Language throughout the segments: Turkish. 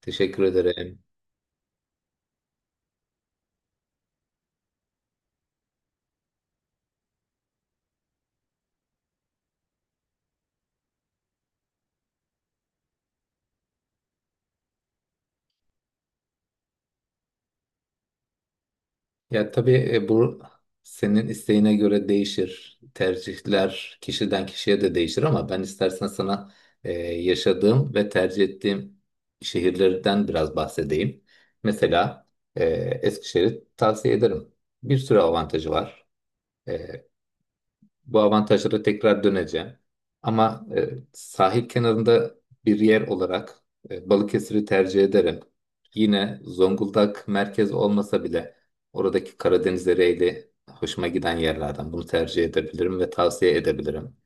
Teşekkür ederim. Ya tabii bu senin isteğine göre değişir. Tercihler kişiden kişiye de değişir ama ben istersen sana yaşadığım ve tercih ettiğim şehirlerden biraz bahsedeyim. Mesela e, Eskişehir'i tavsiye ederim. Bir sürü avantajı var. E, Bu avantajlara tekrar döneceğim. Ama sahil kenarında bir yer olarak Balıkesir'i tercih ederim. Yine Zonguldak merkez olmasa bile oradaki Karadeniz Ereğli hoşuma giden yerlerden bunu tercih edebilirim ve tavsiye edebilirim.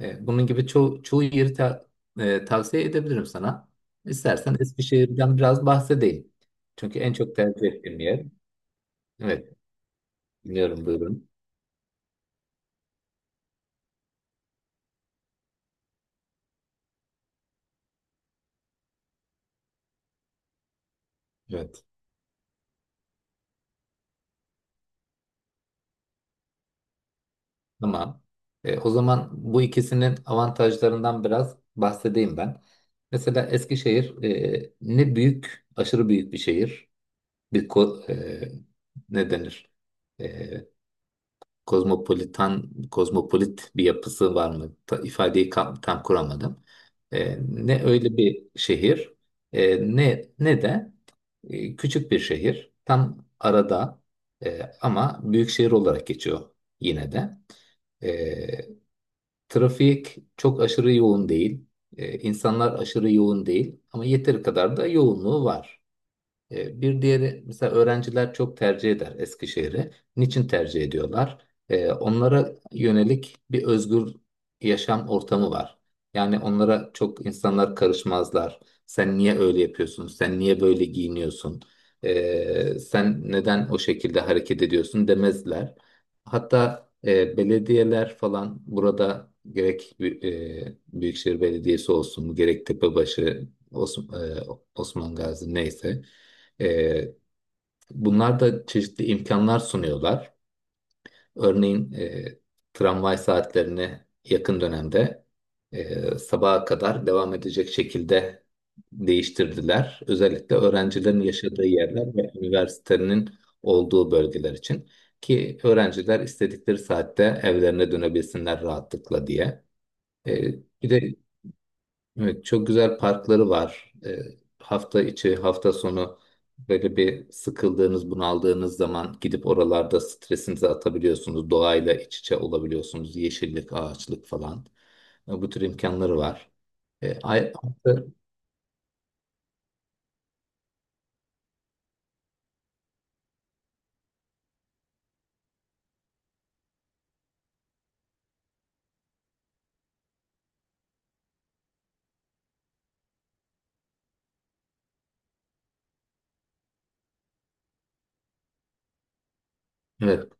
Bunun gibi çoğu yeri tavsiye edebilirim sana. İstersen Eskişehir'den biraz bahsedeyim. Çünkü en çok tercih ettiğim yer. Evet, dinliyorum buyurun. Evet. Tamam. O zaman bu ikisinin avantajlarından biraz bahsedeyim ben. Mesela Eskişehir ne büyük, aşırı büyük bir şehir. Bir ko- e, ne denir? E, kozmopolitan, kozmopolit bir yapısı var mı? İfadeyi tam kuramadım. Ne öyle bir şehir, ne de küçük bir şehir. Tam arada ama büyük şehir olarak geçiyor yine de. E, Trafik çok aşırı yoğun değil. İnsanlar aşırı yoğun değil. Ama yeteri kadar da yoğunluğu var. Bir diğeri mesela öğrenciler çok tercih eder Eskişehir'i. Niçin tercih ediyorlar? Onlara yönelik bir özgür yaşam ortamı var. Yani onlara çok insanlar karışmazlar. Sen niye öyle yapıyorsun? Sen niye böyle giyiniyorsun? Sen neden o şekilde hareket ediyorsun demezler. Hatta belediyeler falan burada gerek Büyükşehir Belediyesi olsun, gerek Tepebaşı, Osman, Osman Gazi neyse. E, bunlar da çeşitli imkanlar sunuyorlar. Örneğin tramvay saatlerini yakın dönemde sabaha kadar devam edecek şekilde değiştirdiler. Özellikle öğrencilerin yaşadığı yerler ve üniversitenin olduğu bölgeler için ki öğrenciler istedikleri saatte evlerine dönebilsinler rahatlıkla diye. E, bir de evet, çok güzel parkları var. Hafta içi, hafta sonu böyle bir sıkıldığınız, bunaldığınız zaman gidip oralarda stresinizi atabiliyorsunuz. Doğayla iç içe olabiliyorsunuz. Yeşillik, ağaçlık falan. Bu tür imkanları var. Ee, ay- artı- evet,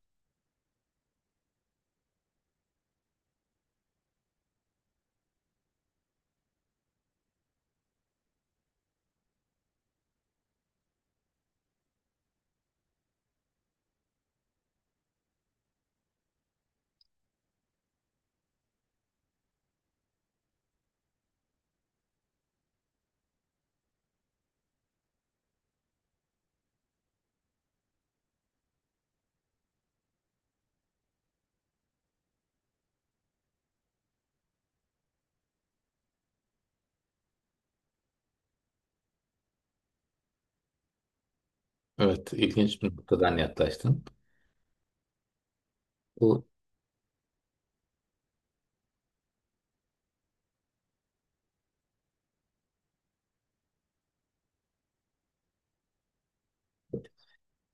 evet, ilginç bir noktadan yaklaştın. Bu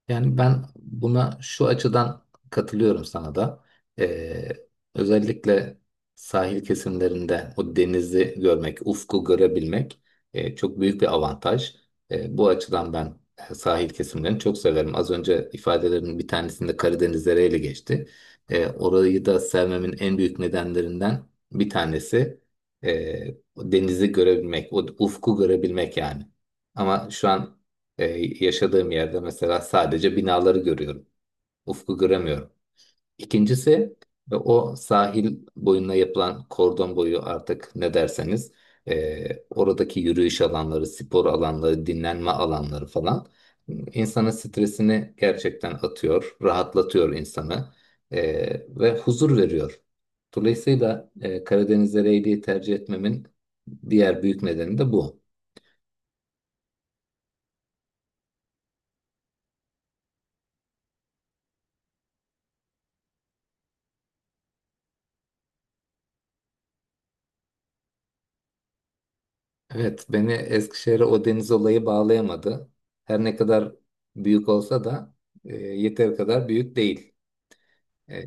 Yani ben buna şu açıdan katılıyorum sana da. Ee, özellikle sahil kesimlerinde o denizi görmek, ufku görebilmek çok büyük bir avantaj. Bu açıdan ben sahil kesimlerini çok severim. Az önce ifadelerin bir tanesinde Karadeniz ile geçti. Orayı da sevmemin en büyük nedenlerinden bir tanesi o denizi görebilmek, o ufku görebilmek yani. Ama şu an e, yaşadığım yerde mesela sadece binaları görüyorum. Ufku göremiyorum. İkincisi o sahil boyuna yapılan kordon boyu artık ne derseniz oradaki yürüyüş alanları, spor alanları, dinlenme alanları falan insanın stresini gerçekten atıyor, rahatlatıyor insanı e, ve huzur veriyor. Dolayısıyla Karadeniz'e reyliği tercih etmemin diğer büyük nedeni de bu. Evet, beni Eskişehir'e o deniz olayı bağlayamadı. Her ne kadar büyük olsa da yeteri kadar büyük değil. E,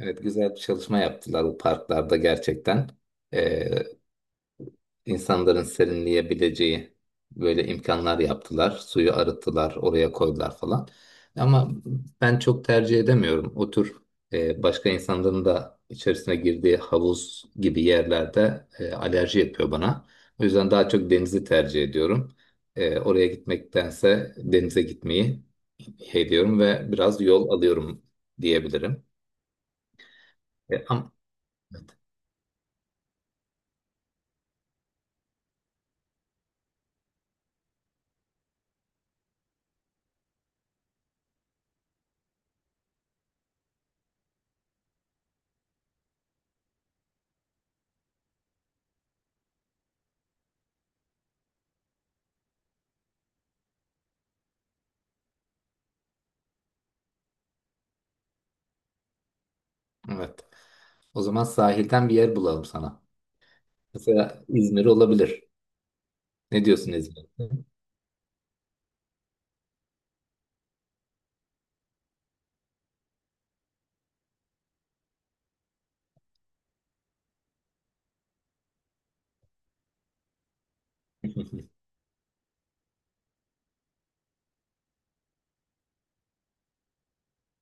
evet, güzel bir çalışma yaptılar bu parklarda gerçekten. E, insanların serinleyebileceği böyle imkanlar yaptılar. Suyu arıttılar, oraya koydular falan. Ama ben çok tercih edemiyorum. O tür başka insanların da içerisine girdiği havuz gibi yerlerde alerji yapıyor bana. O yüzden daha çok denizi tercih ediyorum. Oraya gitmektense denize gitmeyi ediyorum ve biraz yol alıyorum diyebilirim. E, ama, evet. Evet. O zaman sahilden bir yer bulalım sana. Mesela İzmir olabilir. Ne diyorsun Ezgi?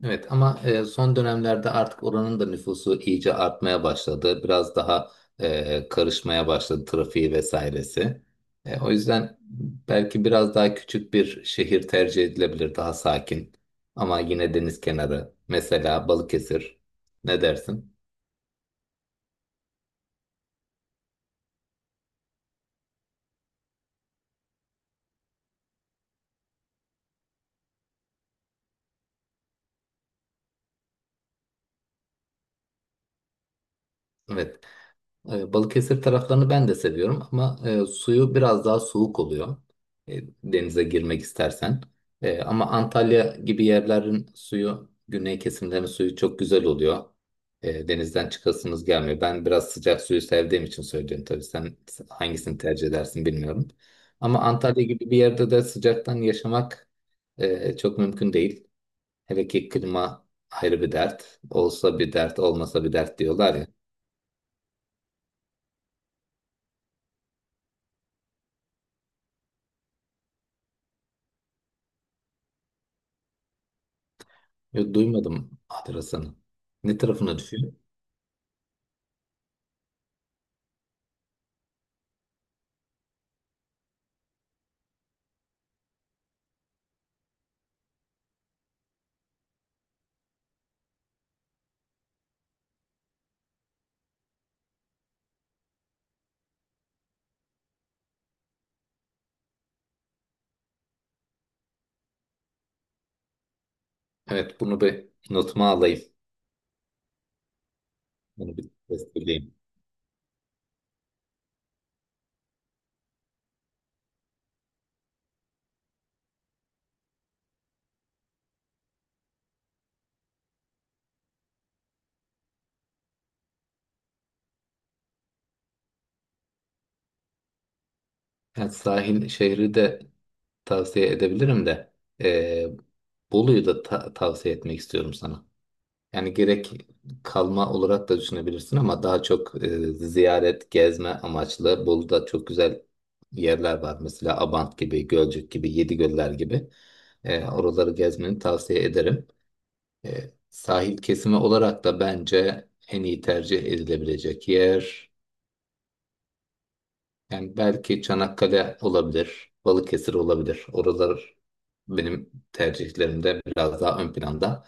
Evet ama son dönemlerde artık oranın da nüfusu iyice artmaya başladı. Biraz daha karışmaya başladı trafiği vesairesi. O yüzden belki biraz daha küçük bir şehir tercih edilebilir, daha sakin. Ama yine deniz kenarı, mesela Balıkesir. Ne dersin? Evet. Balıkesir taraflarını ben de seviyorum ama suyu biraz daha soğuk oluyor. Denize girmek istersen. Ama Antalya gibi yerlerin suyu, güney kesimlerin suyu çok güzel oluyor. Denizden çıkasınız gelmiyor. Ben biraz sıcak suyu sevdiğim için söylüyorum tabii. Sen hangisini tercih edersin bilmiyorum. Ama Antalya gibi bir yerde de sıcaktan yaşamak çok mümkün değil. Hele ki klima ayrı bir dert. Olsa bir dert, olmasa bir dert diyorlar ya. Yok, duymadım Adrasan'ı. Ne tarafına düşüyor? Evet, bunu bir notuma alayım. Bunu bir testleyeyim. Yani sahil şehri de tavsiye edebilirim de eee, Bolu'yu da tavsiye etmek istiyorum sana. Yani gerek kalma olarak da düşünebilirsin ama daha çok ziyaret, gezme amaçlı. Bolu'da çok güzel yerler var. Mesela Abant gibi, Gölcük gibi, Yedigöller gibi. Oraları gezmeni tavsiye ederim. Sahil kesimi olarak da bence en iyi tercih edilebilecek yer. Yani belki Çanakkale olabilir, Balıkesir olabilir. Oralar benim tercihlerimde biraz daha ön planda.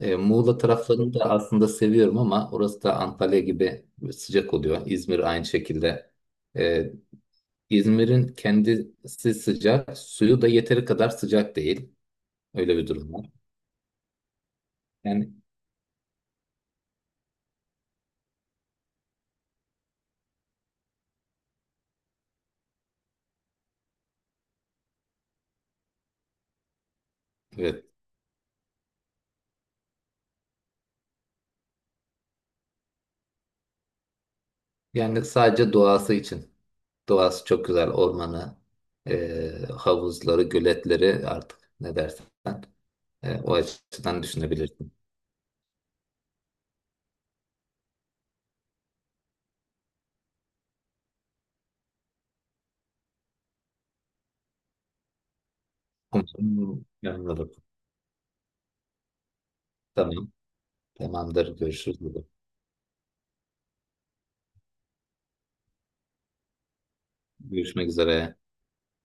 Muğla taraflarını da aslında seviyorum ama orası da Antalya gibi sıcak oluyor. İzmir aynı şekilde. E, İzmir'in kendisi sıcak, suyu da yeteri kadar sıcak değil. Öyle bir durum var. Yani evet. Yani sadece doğası için. Doğası çok güzel. Ormanı, e, havuzları, göletleri artık ne dersen o açıdan düşünebilirsin. Umarım yanılırım. Tamam. Tamamdır. Görüşürüz. Görüşmek üzere.